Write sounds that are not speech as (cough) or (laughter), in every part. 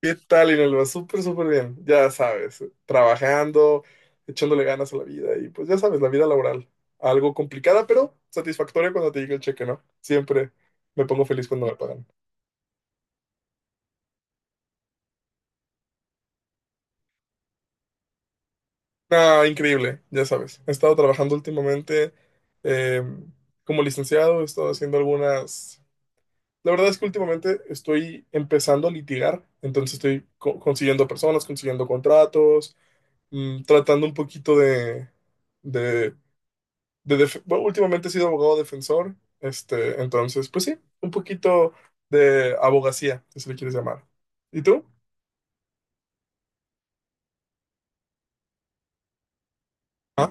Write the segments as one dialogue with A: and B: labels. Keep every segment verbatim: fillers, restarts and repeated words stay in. A: ¿Qué tal, Inelva? Súper, súper bien. Ya sabes, trabajando, echándole ganas a la vida y pues ya sabes, la vida laboral. Algo complicada, pero satisfactoria cuando te llega el cheque, ¿no? Siempre me pongo feliz cuando me pagan. Ah, increíble, ya sabes. He estado trabajando últimamente eh, como licenciado, he estado haciendo algunas... La verdad es que últimamente estoy empezando a litigar, entonces estoy co- consiguiendo personas, consiguiendo contratos, mm, tratando un poquito de... de de def- bueno, últimamente he sido abogado defensor, este, entonces, pues sí, un poquito de abogacía, si se le quieres llamar. ¿Y tú? Ah,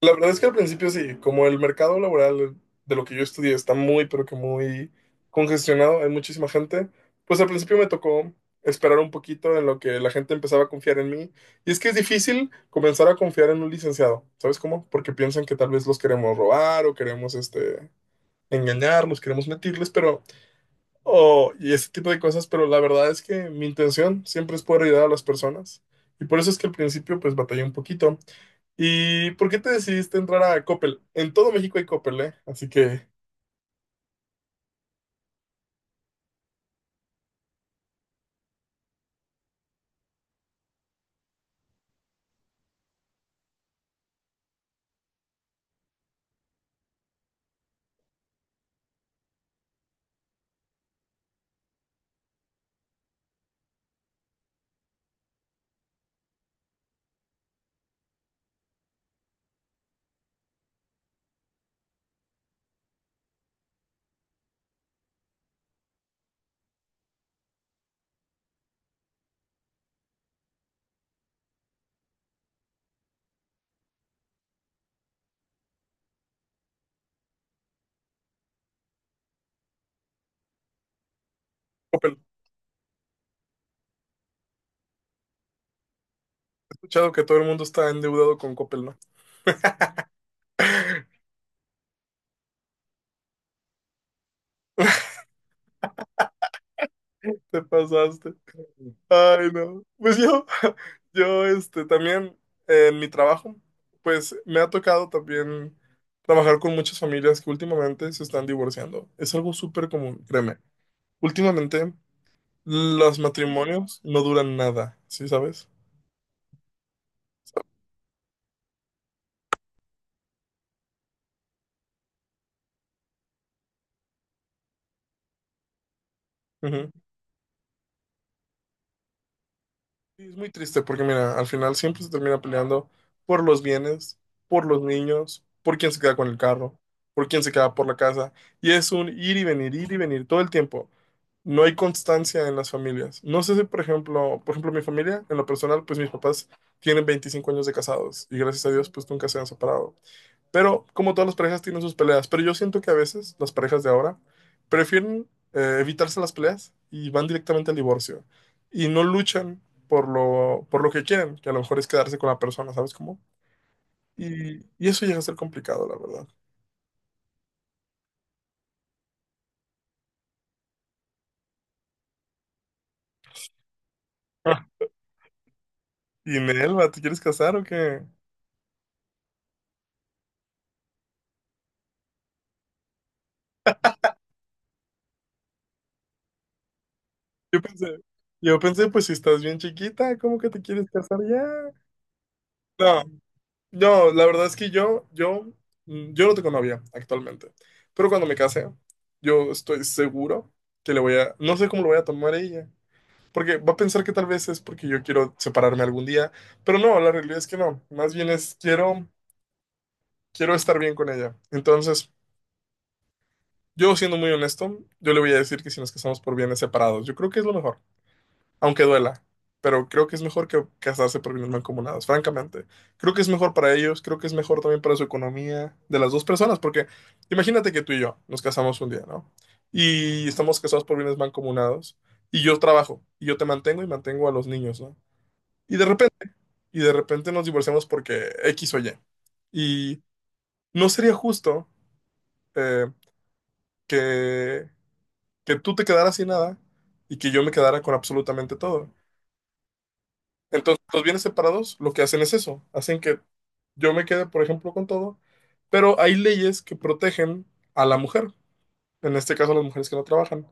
A: la verdad es que al principio sí, como el mercado laboral de lo que yo estudié está muy, pero que muy congestionado, hay muchísima gente, pues al principio me tocó esperar un poquito en lo que la gente empezaba a confiar en mí. Y es que es difícil comenzar a confiar en un licenciado, ¿sabes cómo? Porque piensan que tal vez los queremos robar o queremos este, engañarlos, queremos mentirles, pero o, y ese tipo de cosas, pero la verdad es que mi intención siempre es poder ayudar a las personas. Y por eso es que al principio pues batallé un poquito. ¿Y por qué te decidiste entrar a Coppel? En todo México hay Coppel, ¿eh? Así que, Coppel, he escuchado que todo el mundo está endeudado con Coppel, ¿no? Te pasaste. Ay, no. Pues yo, (laughs) yo, este, también eh, en mi trabajo, pues me ha tocado también trabajar con muchas familias que últimamente se están divorciando. Es algo súper común, créeme. Últimamente los matrimonios no duran nada, ¿sí sabes? Ujú. Sí, es muy triste porque, mira, al final siempre se termina peleando por los bienes, por los niños, por quién se queda con el carro, por quién se queda por la casa. Y es un ir y venir, ir y venir todo el tiempo. No hay constancia en las familias. No sé si, por ejemplo, por ejemplo, mi familia, en lo personal, pues mis papás tienen veinticinco años de casados y gracias a Dios, pues nunca se han separado. Pero como todas las parejas tienen sus peleas, pero yo siento que a veces las parejas de ahora prefieren eh, evitarse las peleas y van directamente al divorcio y no luchan por lo, por lo que quieren, que a lo mejor es quedarse con la persona, ¿sabes cómo? Y, y eso llega a ser complicado, la verdad. Ah, y Nelva, ¿te quieres casar o qué? Yo pensé, yo pensé, pues si estás bien chiquita, ¿cómo que te quieres casar ya? No, no, la verdad es que yo, yo, mm, yo no tengo novia actualmente, pero cuando me case, yo estoy seguro que le voy a, no sé cómo lo voy a tomar ella, porque va a pensar que tal vez es porque yo quiero separarme algún día, pero no, la realidad es que no, más bien es quiero quiero estar bien con ella. Entonces, yo siendo muy honesto, yo le voy a decir que si nos casamos por bienes separados, yo creo que es lo mejor, aunque duela. Pero creo que es mejor que casarse por bienes mancomunados, francamente. Creo que es mejor para ellos, creo que es mejor también para su economía de las dos personas, porque imagínate que tú y yo nos casamos un día, ¿no? Y estamos casados por bienes mancomunados, y yo trabajo, y yo te mantengo y mantengo a los niños, ¿no? Y de repente, y de repente nos divorciamos porque X o Y. Y no sería justo. eh, que, que tú te quedaras sin nada y que yo me quedara con absolutamente todo. Entonces, los bienes separados lo que hacen es eso, hacen que yo me quede, por ejemplo, con todo, pero hay leyes que protegen a la mujer, en este caso a las mujeres que no trabajan,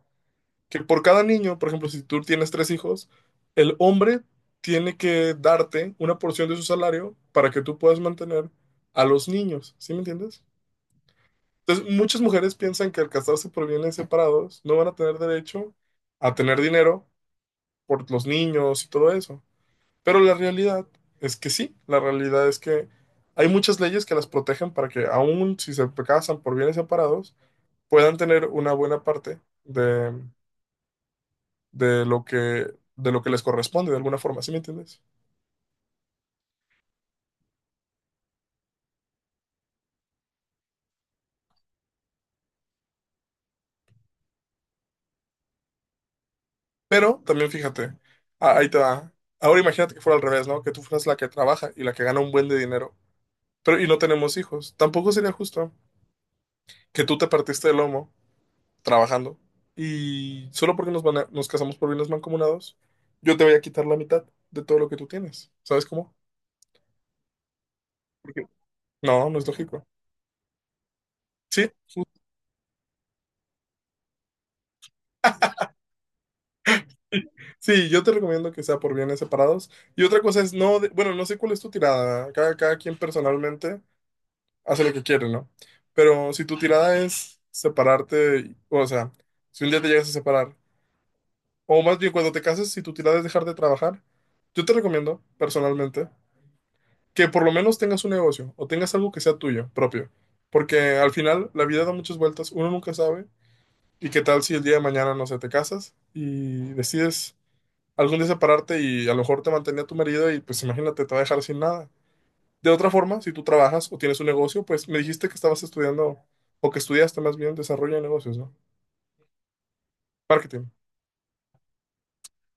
A: que por cada niño, por ejemplo, si tú tienes tres hijos, el hombre tiene que darte una porción de su salario para que tú puedas mantener a los niños, ¿sí me entiendes? Entonces, muchas mujeres piensan que al casarse por bienes separados no van a tener derecho a tener dinero por los niños y todo eso. Pero la realidad es que sí, la realidad es que hay muchas leyes que las protegen para que aun si se casan por bienes separados, puedan tener una buena parte de, de lo que, de lo que les corresponde de alguna forma, ¿sí me entiendes? Pero también fíjate, ah, ahí te va. Ahora imagínate que fuera al revés, ¿no? Que tú fueras la que trabaja y la que gana un buen de dinero. Pero, y no tenemos hijos. Tampoco sería justo. Que tú te partiste el lomo trabajando y solo porque nos, van a- nos casamos por bienes mancomunados, yo te voy a quitar la mitad de todo lo que tú tienes. ¿Sabes cómo? Porque- No, no es lógico. Sí, ju- (laughs) sí, yo te recomiendo que sea por bienes separados. Y otra cosa es, no, de- bueno, no sé cuál es tu tirada. Cada, cada quien personalmente hace lo que quiere, ¿no? Pero si tu tirada es separarte, o sea, si un día te llegas a separar, o más bien cuando te cases, si tu tirada es dejar de trabajar, yo te recomiendo personalmente que por lo menos tengas un negocio o tengas algo que sea tuyo, propio. Porque al final la vida da muchas vueltas, uno nunca sabe. ¿Y qué tal si el día de mañana, no sé, te casas y decides algún día separarte y a lo mejor te mantenía tu marido y pues imagínate, te va a dejar sin nada? De otra forma, si tú trabajas o tienes un negocio, pues me dijiste que estabas estudiando o que estudiaste más bien desarrollo de negocios, ¿no? Marketing.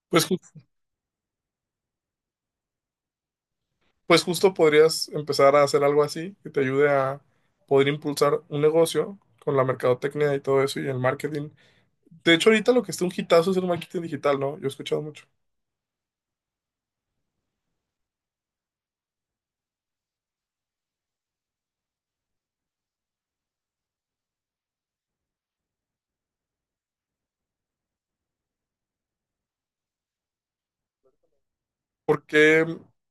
A: Pues, ju- pues justo podrías empezar a hacer algo así que te ayude a poder impulsar un negocio con la mercadotecnia y todo eso y el marketing. De hecho, ahorita lo que está un hitazo es el marketing digital, ¿no? Yo he escuchado mucho. ¿Por qué?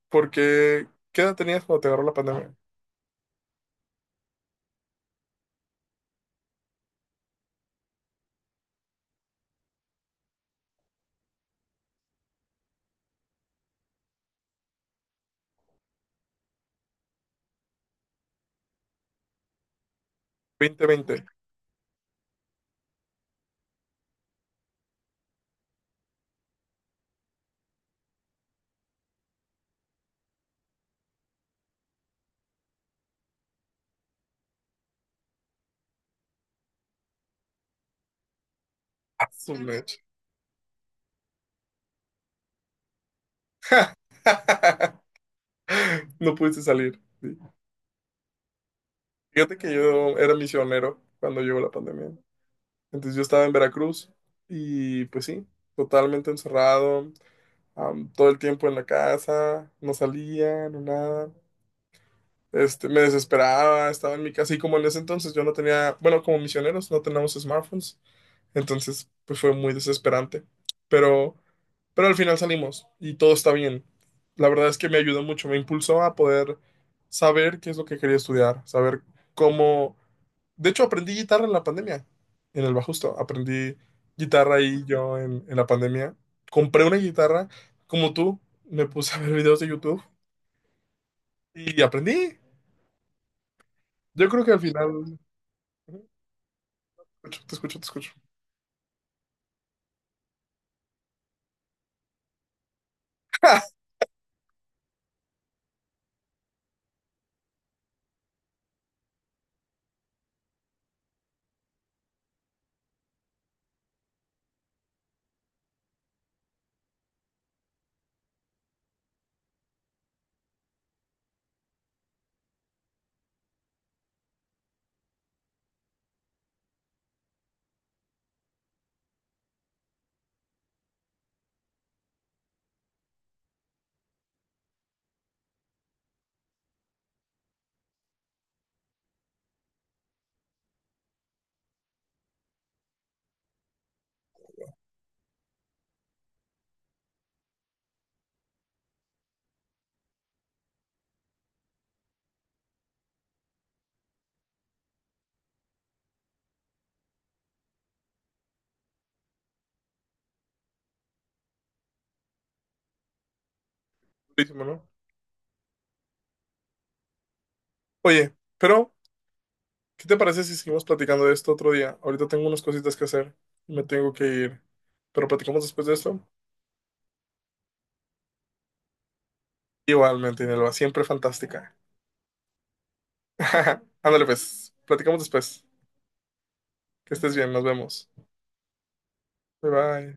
A: ¿Por qué? ¿Qué edad tenías cuando te agarró la pandemia? dos mil veinte. Ah, su mecha. (laughs) No pudiste salir. Sí. Fíjate que yo era misionero cuando llegó la pandemia. Entonces yo estaba en Veracruz y pues sí, totalmente encerrado, am, todo el tiempo en la casa, no salía, no nada. Este, me desesperaba, estaba en mi casa y como en ese entonces yo no tenía, bueno, como misioneros no tenemos smartphones, entonces, pues fue muy desesperante. Pero, pero al final salimos y todo está bien. La verdad es que me ayudó mucho, me impulsó a poder saber qué es lo que quería estudiar, saber cómo... De hecho, aprendí guitarra en la pandemia, en el Bajusto. Aprendí guitarra ahí yo en, en la pandemia. Compré una guitarra, como tú, me puse a ver videos de YouTube y aprendí. Yo creo que al final... Ujú, Te escucho, te escucho, te escucho. (laughs) Durísimo, ¿no? Oye, pero ¿qué te parece si seguimos platicando de esto otro día? Ahorita tengo unas cositas que hacer, me tengo que ir. Pero platicamos después de esto. Igualmente, Inelva, siempre fantástica. (laughs) Ándale, pues, platicamos después. Que estés bien, nos vemos. Bye bye.